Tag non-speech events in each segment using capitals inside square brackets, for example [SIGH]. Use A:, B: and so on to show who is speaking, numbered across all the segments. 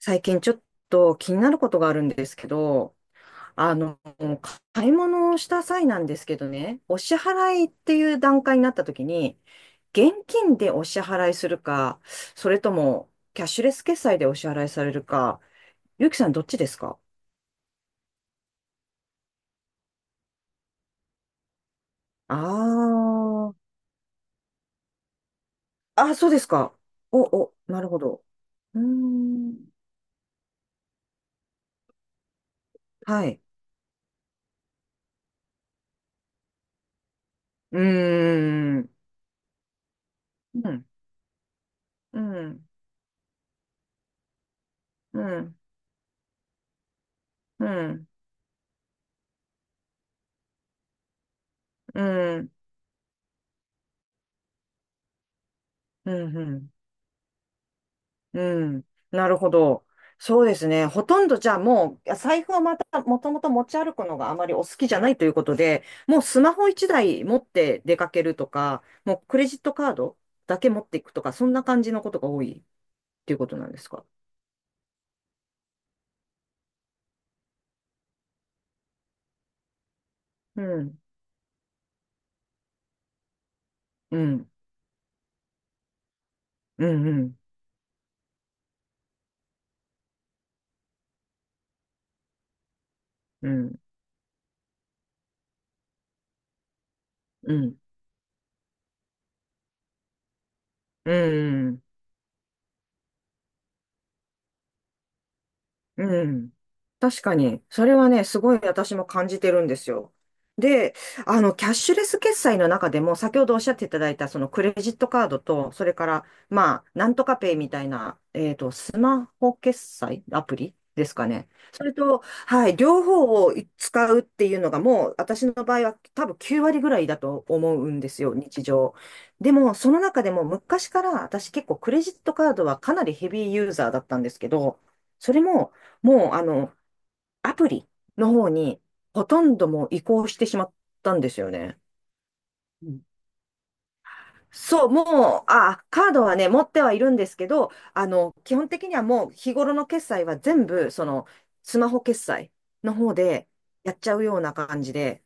A: 最近ちょっと気になることがあるんですけど、あの、買い物をした際なんですけどね、お支払いっていう段階になった時に、現金でお支払いするか、それともキャッシュレス決済でお支払いされるか、ゆうきさんどっちですか？ああー、あ、そうですか。お、お、なるほど。うーん。はい。うーん。うん。うん。うん。うん。うん。うん。うん。うん。なるほど。そうですね。ほとんどじゃあもう、財布はまた、もともと持ち歩くのがあまりお好きじゃないということで、もうスマホ一台持って出かけるとか、もうクレジットカードだけ持っていくとか、そんな感じのことが多いっていうことなんですか？うん。うん。うん。うん。うん。うん。うん。うん。確かに、それはね、すごい私も感じてるんですよ。で、キャッシュレス決済の中でも、先ほどおっしゃっていただいた、そのクレジットカードと、それから、まあ、なんとかペイみたいな、スマホ決済アプリですかね。それと、はい、両方を使うっていうのが、もう、私の場合は多分9割ぐらいだと思うんですよ、日常。でも、その中でも、昔から私結構クレジットカードはかなりヘビーユーザーだったんですけど、それも、もう、アプリの方に、ほとんどもう移行してしまったんですよね。うん。そう、もう、あ、カードはね、持ってはいるんですけど、基本的にはもう日頃の決済は全部、その、スマホ決済の方でやっちゃうような感じで、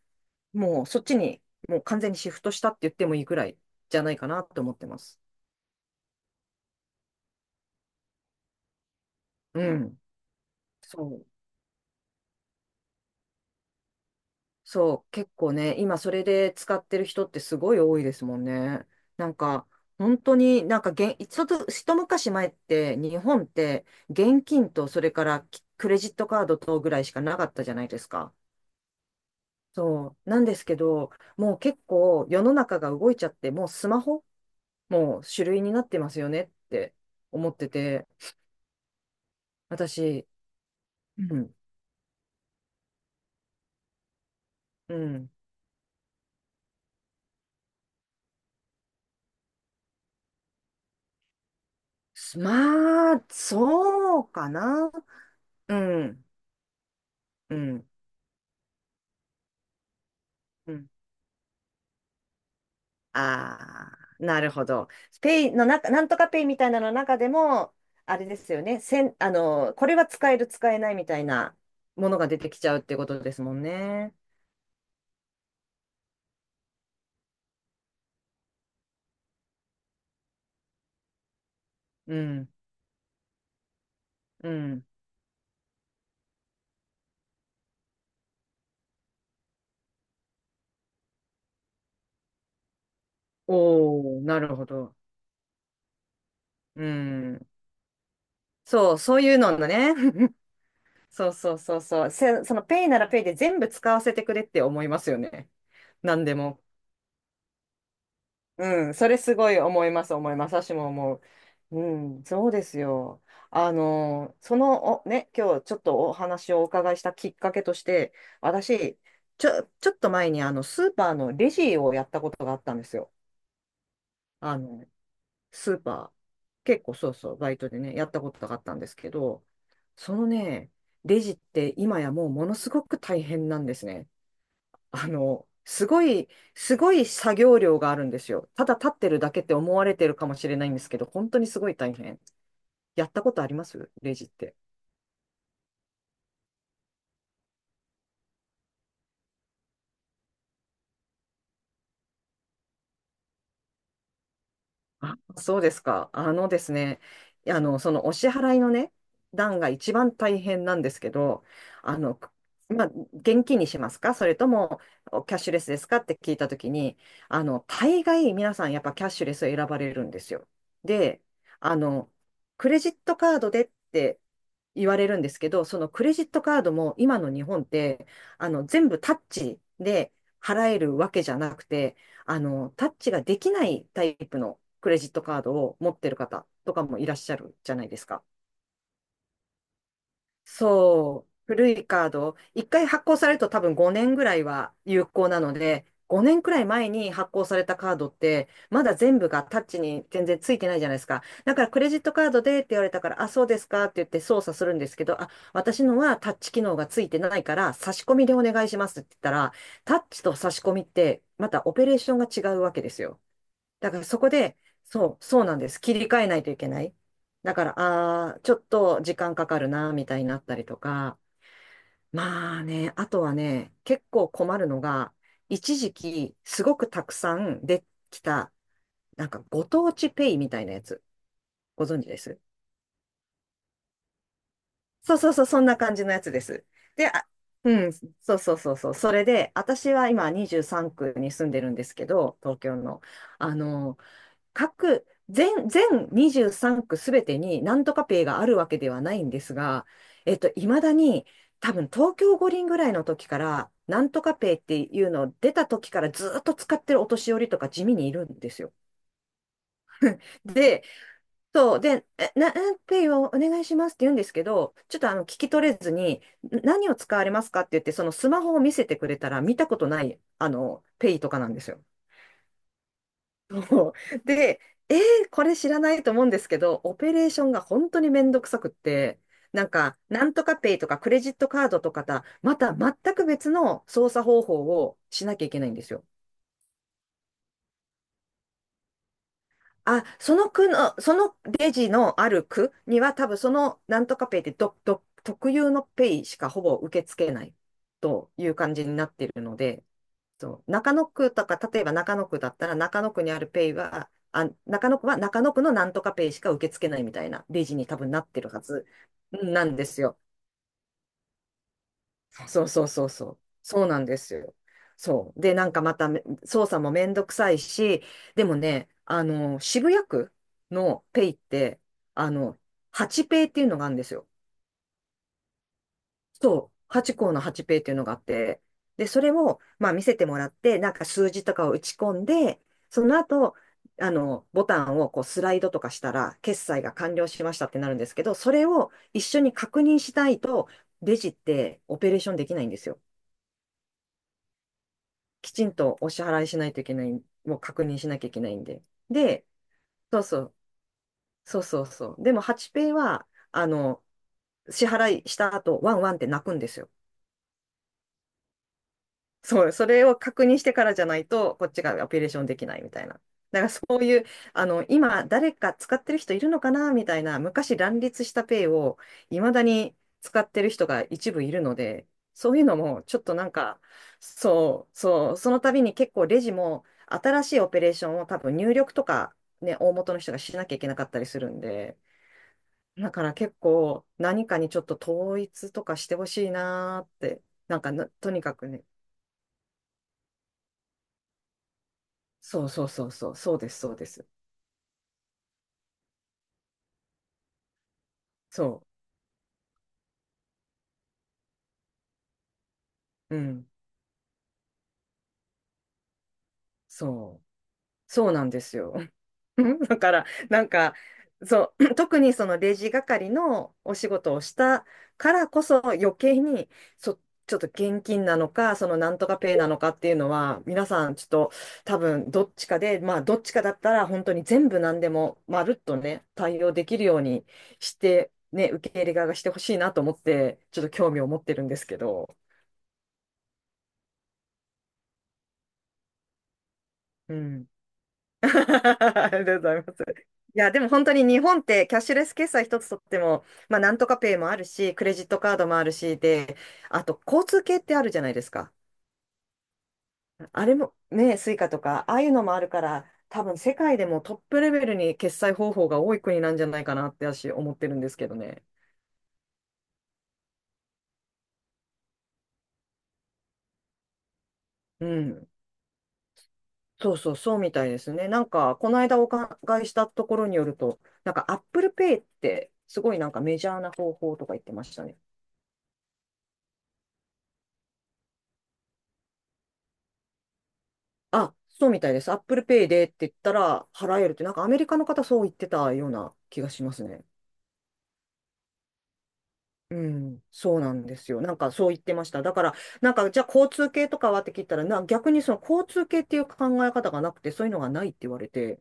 A: もうそっちに、もう完全にシフトしたって言ってもいいくらいじゃないかなと思ってます。うん。そう。そう、結構ね、今それで使ってる人ってすごい多いですもんね。なんか、本当になんか現、ちょっと一昔前って日本って現金とそれからきクレジットカードとぐらいしかなかったじゃないですか。そう、なんですけど、もう結構世の中が動いちゃって、もうスマホもう主類になってますよねって思ってて、私、うんん、うん、まあ、そうかな。うん、うん。うん。ああ、なるほど。ペイの中、なんとかペイみたいなのの中でも、あれですよね。せん、これは使える、使えないみたいなものが出てきちゃうってことですもんね。うん、うん。おー、なるほど。うん。そう、そういうのね。[LAUGHS] そうそうそうそう。せ、そのペイならペイで全部使わせてくれって思いますよね。なんでもうん、それすごい思います、思います。私も思う。うん、そうですよ。その、お、ね、今日ちょっとお話をお伺いしたきっかけとして、私、ちょ、ちょっと前にスーパーのレジをやったことがあったんですよ。あの、スーパー、結構そうそう、バイトでね、やったことがあったんですけど、そのね、レジって今やもうものすごく大変なんですね。すごい、すごい作業量があるんですよ。ただ立ってるだけって思われてるかもしれないんですけど、本当にすごい大変。やったことありますレジって？あ、そうですか。あのですね、そのお支払いのね、段が一番大変なんですけど、あの、くまあ、現金にしますかそれともおキャッシュレスですかって聞いたときに、大概皆さんやっぱキャッシュレスを選ばれるんですよ。で、あの、クレジットカードでって言われるんですけど、そのクレジットカードも今の日本って、全部タッチで払えるわけじゃなくて、タッチができないタイプのクレジットカードを持ってる方とかもいらっしゃるじゃないですか。そう、古いカード、1回発行されると多分5年ぐらいは有効なので、5年くらい前に発行されたカードって、まだ全部がタッチに全然ついてないじゃないですか。だからクレジットカードでって言われたから、あ、そうですかって言って操作するんですけど、あ、私のはタッチ機能がついてないから、差し込みでお願いしますって言ったら、タッチと差し込みって、またオペレーションが違うわけですよ。だからそこで、そう、そうなんです。切り替えないといけない。だから、ああ、ちょっと時間かかるな、みたいになったりとか。まあね、あとはね、結構困るのが、一時期、すごくたくさんできた、なんかご当地ペイみたいなやつ、ご存知です？そうそうそう、そんな感じのやつです。で、あ、うん、そうそうそうそう。それで、私は今23区に住んでるんですけど、東京の。あの、各、全、全23区すべてになんとかペイがあるわけではないんですが、いまだに多分東京五輪ぐらいの時から、なんとかペイっていうのを出た時からずっと使ってるお年寄りとか地味にいるんですよ。で、そう、で、えな、えペイをお願いしますって言うんですけど、ちょっとあの聞き取れずに、ん何を使われますかって言って、そのスマホを見せてくれたら見たことない、ペイとかなんですよ。そう [LAUGHS] で、これ知らないと思うんですけど、オペレーションが本当にめんどくさくって、なんか、なんとかペイとかクレジットカードとかた、また全く別の操作方法をしなきゃいけないんですよ。あ、その区の、そのレジのある区には多分そのなんとかペイってど、ど、特有のペイしかほぼ受け付けないという感じになっているので、そう、中野区とか、例えば中野区だったら、中野区にあるペイは、あ、中野区は中野区のなんとかペイしか受け付けないみたいなレジに多分なってるはずなんですよ。そうそうそうそう。そうなんですよ。そう。で、なんかまため操作もめんどくさいし、でもね、渋谷区のペイって、あの、8ペイっていうのがあるんですよ。そう、8項の8ペーっていうのがあって、で、それを、まあ、見せてもらって、なんか数字とかを打ち込んで、その後、ボタンをこうスライドとかしたら、決済が完了しましたってなるんですけど、それを一緒に確認しないと、レジってオペレーションできないんですよ。きちんとお支払いしないといけない、もう確認しなきゃいけないんで。で、そうそう、そうそうそう。でも、8ペイは、あの、支払いした後、ワンワンって泣くんですよ。そう、それを確認してからじゃないと、こっちがアピレーションできないみたいな。だからそういう、今、誰か使ってる人いるのかなみたいな、昔乱立したペイを、いまだに使ってる人が一部いるので、そういうのも、ちょっとなんか、そう、そう、その度に結構レジも、新しいオペレーションを多分入力とか、ね、大元の人がしなきゃいけなかったりするんで、だから結構、何かにちょっと統一とかしてほしいなーって、なんかなとにかくね、そうそうそうそう、そうです、そうです。そう、うん、そう、そうなんですよ。[LAUGHS] だから、なんか、そう、[CLEARS THROAT] 特にそのレジ係のお仕事をしたからこそ余計に、そ、ちょっと現金なのか、そのなんとかペイなのかっていうのは、皆さんちょっと多分どっちかで、まあどっちかだったら本当に全部何でもまるっとね、対応できるようにして、ね、受け入れ側がしてほしいなと思って、ちょっと興味を持ってるんですけど。うん。 [LAUGHS] ありがとうございます。いや、でも本当に日本ってキャッシュレス決済一つとっても、まあなんとかペイもあるし、クレジットカードもあるし、で、あと交通系ってあるじゃないですか。あれもね、スイカとか、ああいうのもあるから、多分世界でもトップレベルに決済方法が多い国なんじゃないかなって私思ってるんですけどね。うん。そうそう、そうみたいですね。なんか、この間お伺いしたところによると、なんか Apple Pay ってすごいなんかメジャーな方法とか言ってましたね。あ、そうみたいです。Apple Pay でって言ったら払えるって、なんかアメリカの方そう言ってたような気がしますね。うん、そうなんですよ。なんかそう言ってました。だから、なんかじゃあ交通系とかはって聞いたら、な、逆にその交通系っていう考え方がなくて、そういうのがないって言われて、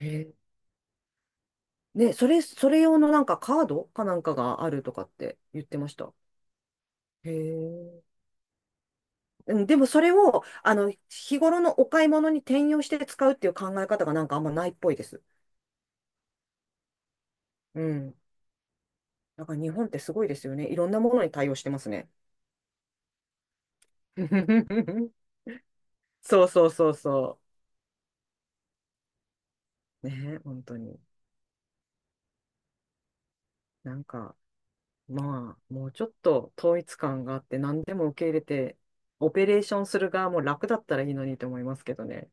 A: へえ。ね、それ、それ用のなんかカードかなんかがあるとかって言ってました。へえ。うん、でもそれを、日頃のお買い物に転用して使うっていう考え方がなんかあんまないっぽいです。うん。だから日本ってすごいですよね。いろんなものに対応してますね。[LAUGHS] そうそうそうそう。ね、本当に。なんか、まあ、もうちょっと統一感があって、何でも受け入れて、オペレーションする側も楽だったらいいのにと思いますけどね。